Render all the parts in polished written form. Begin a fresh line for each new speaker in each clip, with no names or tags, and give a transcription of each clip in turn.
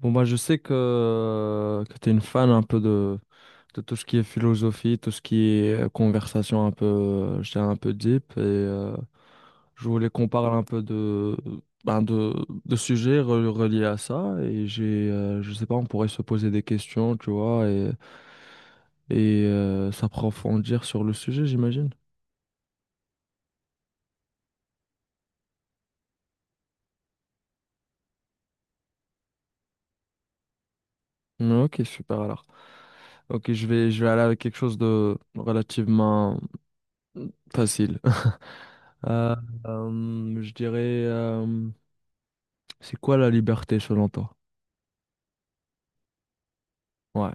Bon, moi, je sais que tu es une fan un peu de tout ce qui est philosophie, tout ce qui est conversation un peu, je dirais un peu deep. Je voulais qu'on parle un peu ben de, de sujets reliés à ça. Et je sais pas, on pourrait se poser des questions, tu vois, et s'approfondir sur le sujet, j'imagine. Ok, super alors. Ok, je vais aller avec quelque chose de relativement facile. Euh, euh, je dirais, euh, c'est quoi la liberté selon toi? Ouais.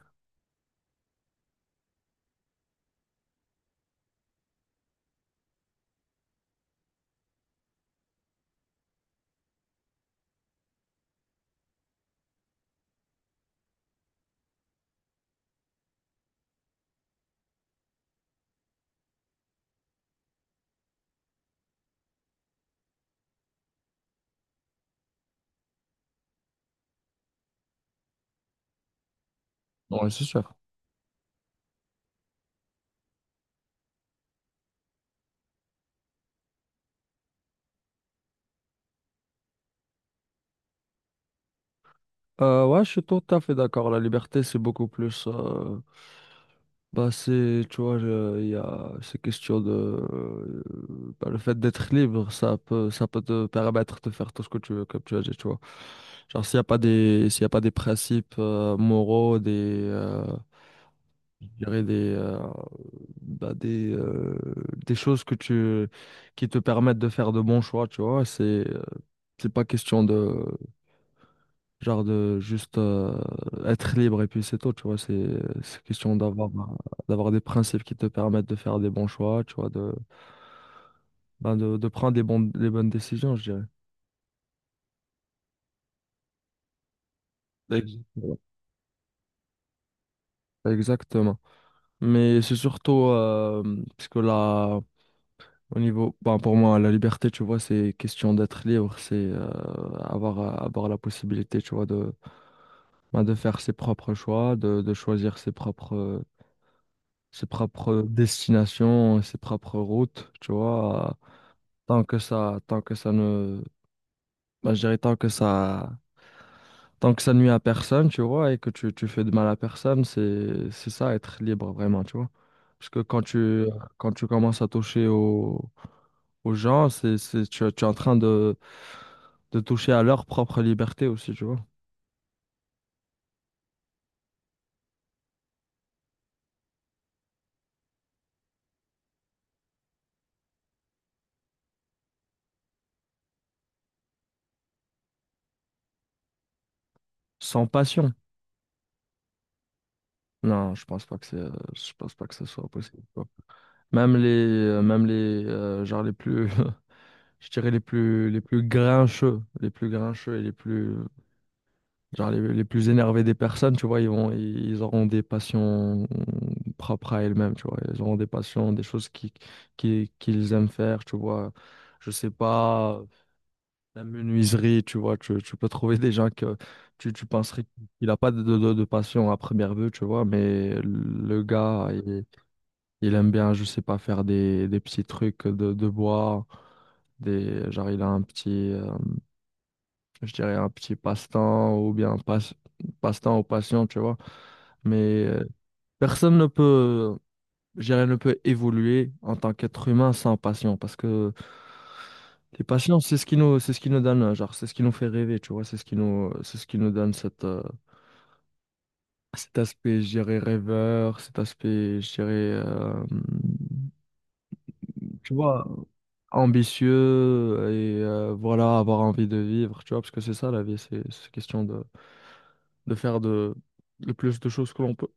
Ouais, c'est sûr. Ouais, je suis tout à fait d'accord. La liberté, c'est beaucoup plus. C'est, tu vois, il y a ces questions de. Le fait d'être libre, ça peut te permettre de faire tout ce que tu veux, comme tu as dit, tu vois. Genre, s'il y a pas des principes moraux, des, euh, je dirais des, bah, des choses que tu, qui te permettent de faire de bons choix, tu vois. Euh, c'est pas question de, genre, de juste être libre et puis c'est tout, tu vois. C'est question d'avoir des principes qui te permettent de faire des bons choix, tu vois, de prendre des bonnes décisions, je dirais. Voilà. Exactement. Mais c'est surtout, parce que là, au niveau, ben, pour moi, la liberté, tu vois, c'est question d'être libre, c'est avoir la possibilité, tu vois, de faire ses propres choix, de choisir ses propres destinations, ses propres routes, tu vois. Tant que ça ne, ben, je dirais tant que ça, tant que ça nuit à personne, tu vois, et que tu fais de mal à personne, c'est ça, être libre vraiment, tu vois. Parce que quand tu commences à aux gens, tu es en train de toucher à leur propre liberté aussi, tu vois. Sans passion. Non, je pense pas que ce soit possible, tu vois. Genre les plus, je dirais les plus grincheux, genre les plus énervés des personnes, tu vois, ils auront des passions propres à elles-mêmes, tu vois. Ils auront des passions, des choses qu'ils aiment faire, tu vois. Je sais pas, la menuiserie, tu vois. Tu peux trouver des gens que tu penserais qu'il a pas de passion à première vue, tu vois. Mais le gars, il aime bien, je sais pas, faire des petits trucs de bois. Il a un petit, je dirais un petit passe-temps ou passion, tu vois. Mais euh, Personne ne peut, ne peut évoluer en tant qu'être humain sans passion, parce que les passions, c'est ce qui nous, c'est ce qui nous donne, genre, c'est ce qui nous fait rêver, tu vois, c'est ce qui nous donne cet aspect, je dirais, rêveur, cet aspect, je dirais, tu vois, ambitieux, voilà, avoir envie de vivre, tu vois, parce que c'est ça la vie, c'est question de faire le plus de choses que l'on peut.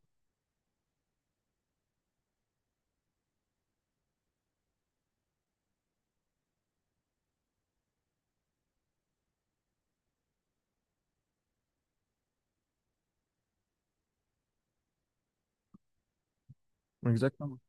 Exactement.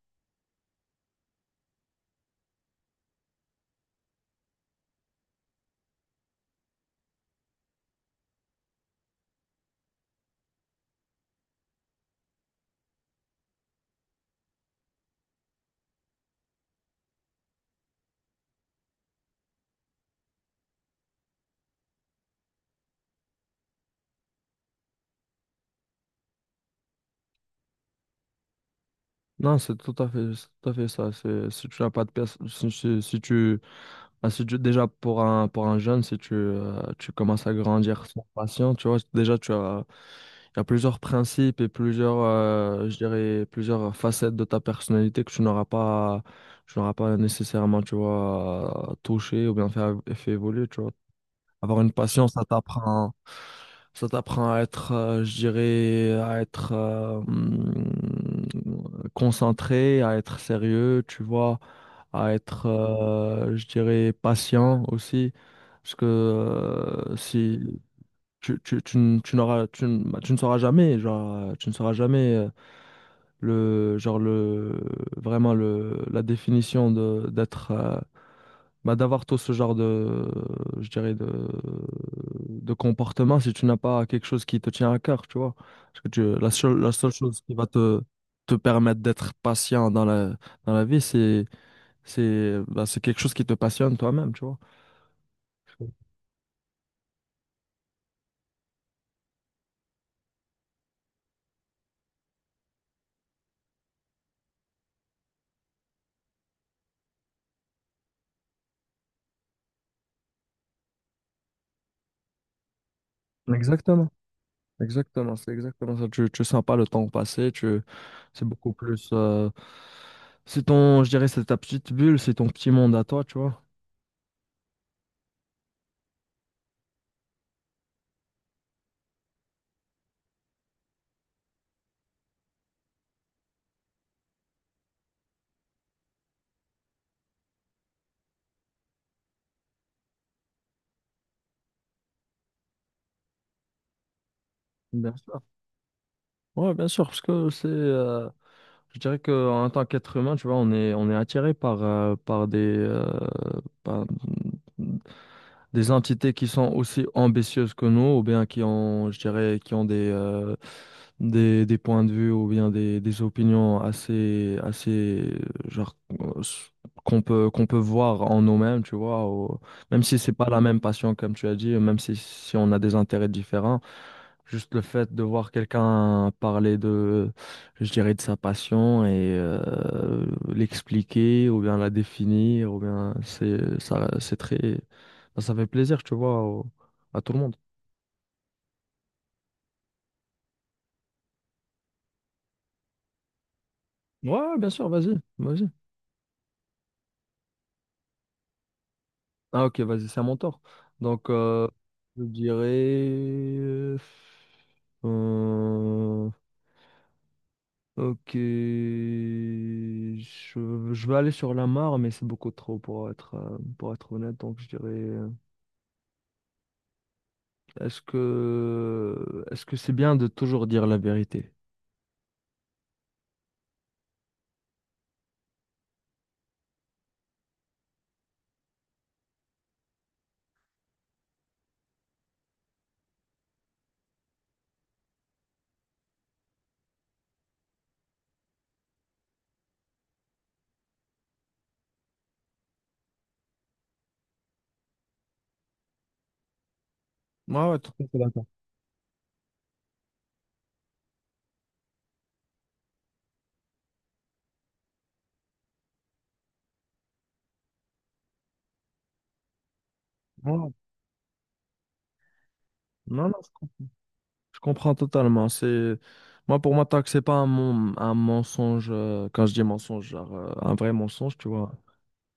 Non, c'est tout à fait ça. C'est, si tu n'as pas de pièce, si, si- si tu, ah, si tu- Déjà pour pour un jeune, si tu, tu commences à grandir sans patience, tu vois, déjà il y a plusieurs principes et plusieurs, plusieurs facettes de ta personnalité que tu n'auras pas nécessairement, tu vois, touché ou bien fait évoluer, tu vois. Avoir une passion, ça t'apprend à être, à être concentré, à être sérieux, tu vois, à être, patient aussi. Parce que si tu, tu, tu, n- tu n'auras, tu, n- bah, tu ne sauras jamais, genre, tu ne sauras jamais le, genre, le, vraiment le, la définition d'avoir tout ce genre de, je dirais, de comportement si tu n'as pas quelque chose qui te tient à cœur, tu vois. Parce que la seule chose qui va te permettre d'être patient dans la vie, c'est quelque chose qui te passionne toi-même, tu vois. Exactement. C'est exactement ça. Tu sens pas le temps passer, c'est beaucoup plus, c'est ton, c'est ta petite bulle, c'est ton petit monde à toi, tu vois. Bien sûr. Ouais, bien sûr, parce que je dirais que en tant qu'être humain, tu vois, on est attiré par des entités qui sont aussi ambitieuses que nous, ou bien qui ont, je dirais, qui ont des points de vue ou bien des opinions assez qu'on peut voir en nous-mêmes, tu vois, ou- même si c'est pas la même passion comme tu as dit, même si on a des intérêts différents. Juste le fait de voir quelqu'un parler de, de sa passion et l'expliquer ou bien la définir, ou bien c'est ça, ça fait plaisir, tu vois, à tout le monde. Ouais, bien sûr, vas-y. Ah ok, vas-y, c'est à mon tour. Donc, je dirais, euh, ok, je vais aller sur la mare, mais c'est beaucoup trop pour pour être honnête, donc je dirais. Est-ce que c'est bien de toujours dire la vérité? Ouais, ouais, tout à fait d'accord. Non, non, non, je com- Je comprends totalement. C'est moi... pour moi tant que c'est pas un mensonge, quand je dis mensonge, genre un vrai mensonge, tu vois,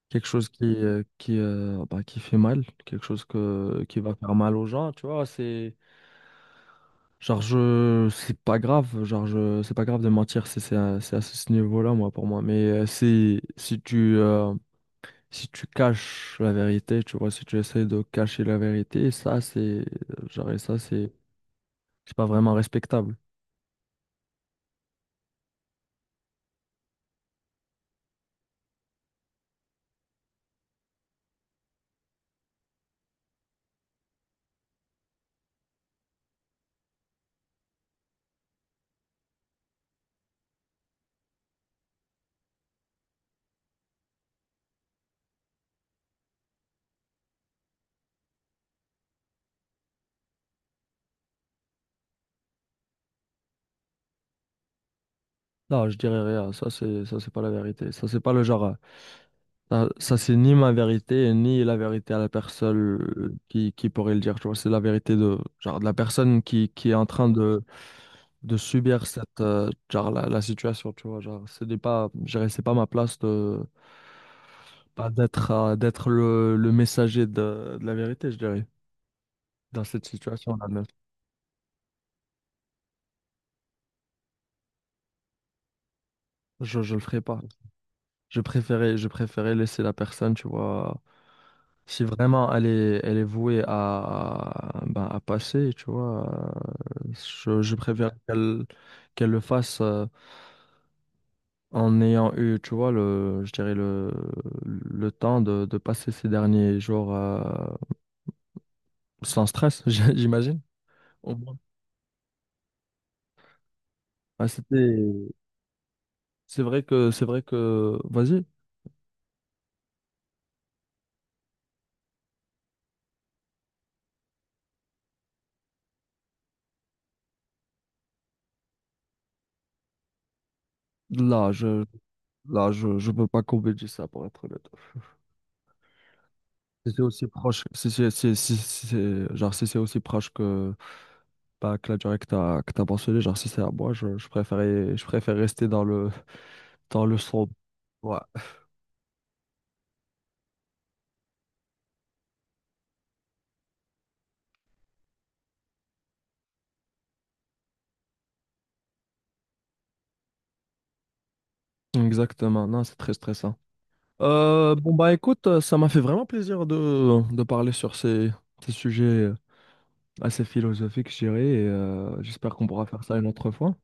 quelque chose qui fait mal, quelque chose que qui va faire mal aux gens, tu vois, c'est genre... je c'est pas grave, genre je c'est pas grave de mentir, c'est à ce niveau-là moi... pour moi. Si tu caches la vérité, tu vois, si tu essaies de cacher la vérité, ça c'est pas vraiment respectable. Là, je dirais rien, ça c'est pas la vérité, ça c'est pas le genre, c'est ni ma vérité, ni la vérité à la personne qui pourrait le dire, tu vois, c'est la vérité de, genre, de la personne qui est en train de subir cette, la situation, tu vois, genre, ce n'est pas, je dirais, c'est pas ma place de, pas d'être, d'être le messager de la vérité, je dirais, dans cette situation-là même. Je le ferai pas. Je préférais laisser la personne, tu vois. Si vraiment elle est vouée à, ben, à passer, tu vois, euh, je préfère qu'elle le fasse en ayant eu, tu vois, le, je dirais le temps de passer ces derniers jours sans stress, j'imagine. Au moins. Ah, c'était, c'est vrai que, Vas-y. là, je, Là, je peux pas combler ça pour être honnête. Si c'est aussi proche, si c'est si- si- si c'est- genre si c'est aussi proche que... pas que la durée que t'as mentionnée, genre si c'est à moi, je préférais... je préfère rester dans le sombre. Ouais, exactement. Non, c'est très stressant. Bon, bah écoute, ça m'a fait vraiment plaisir de parler sur ces sujets assez philosophiques, je dirais, et j'espère qu'on pourra faire ça une autre fois.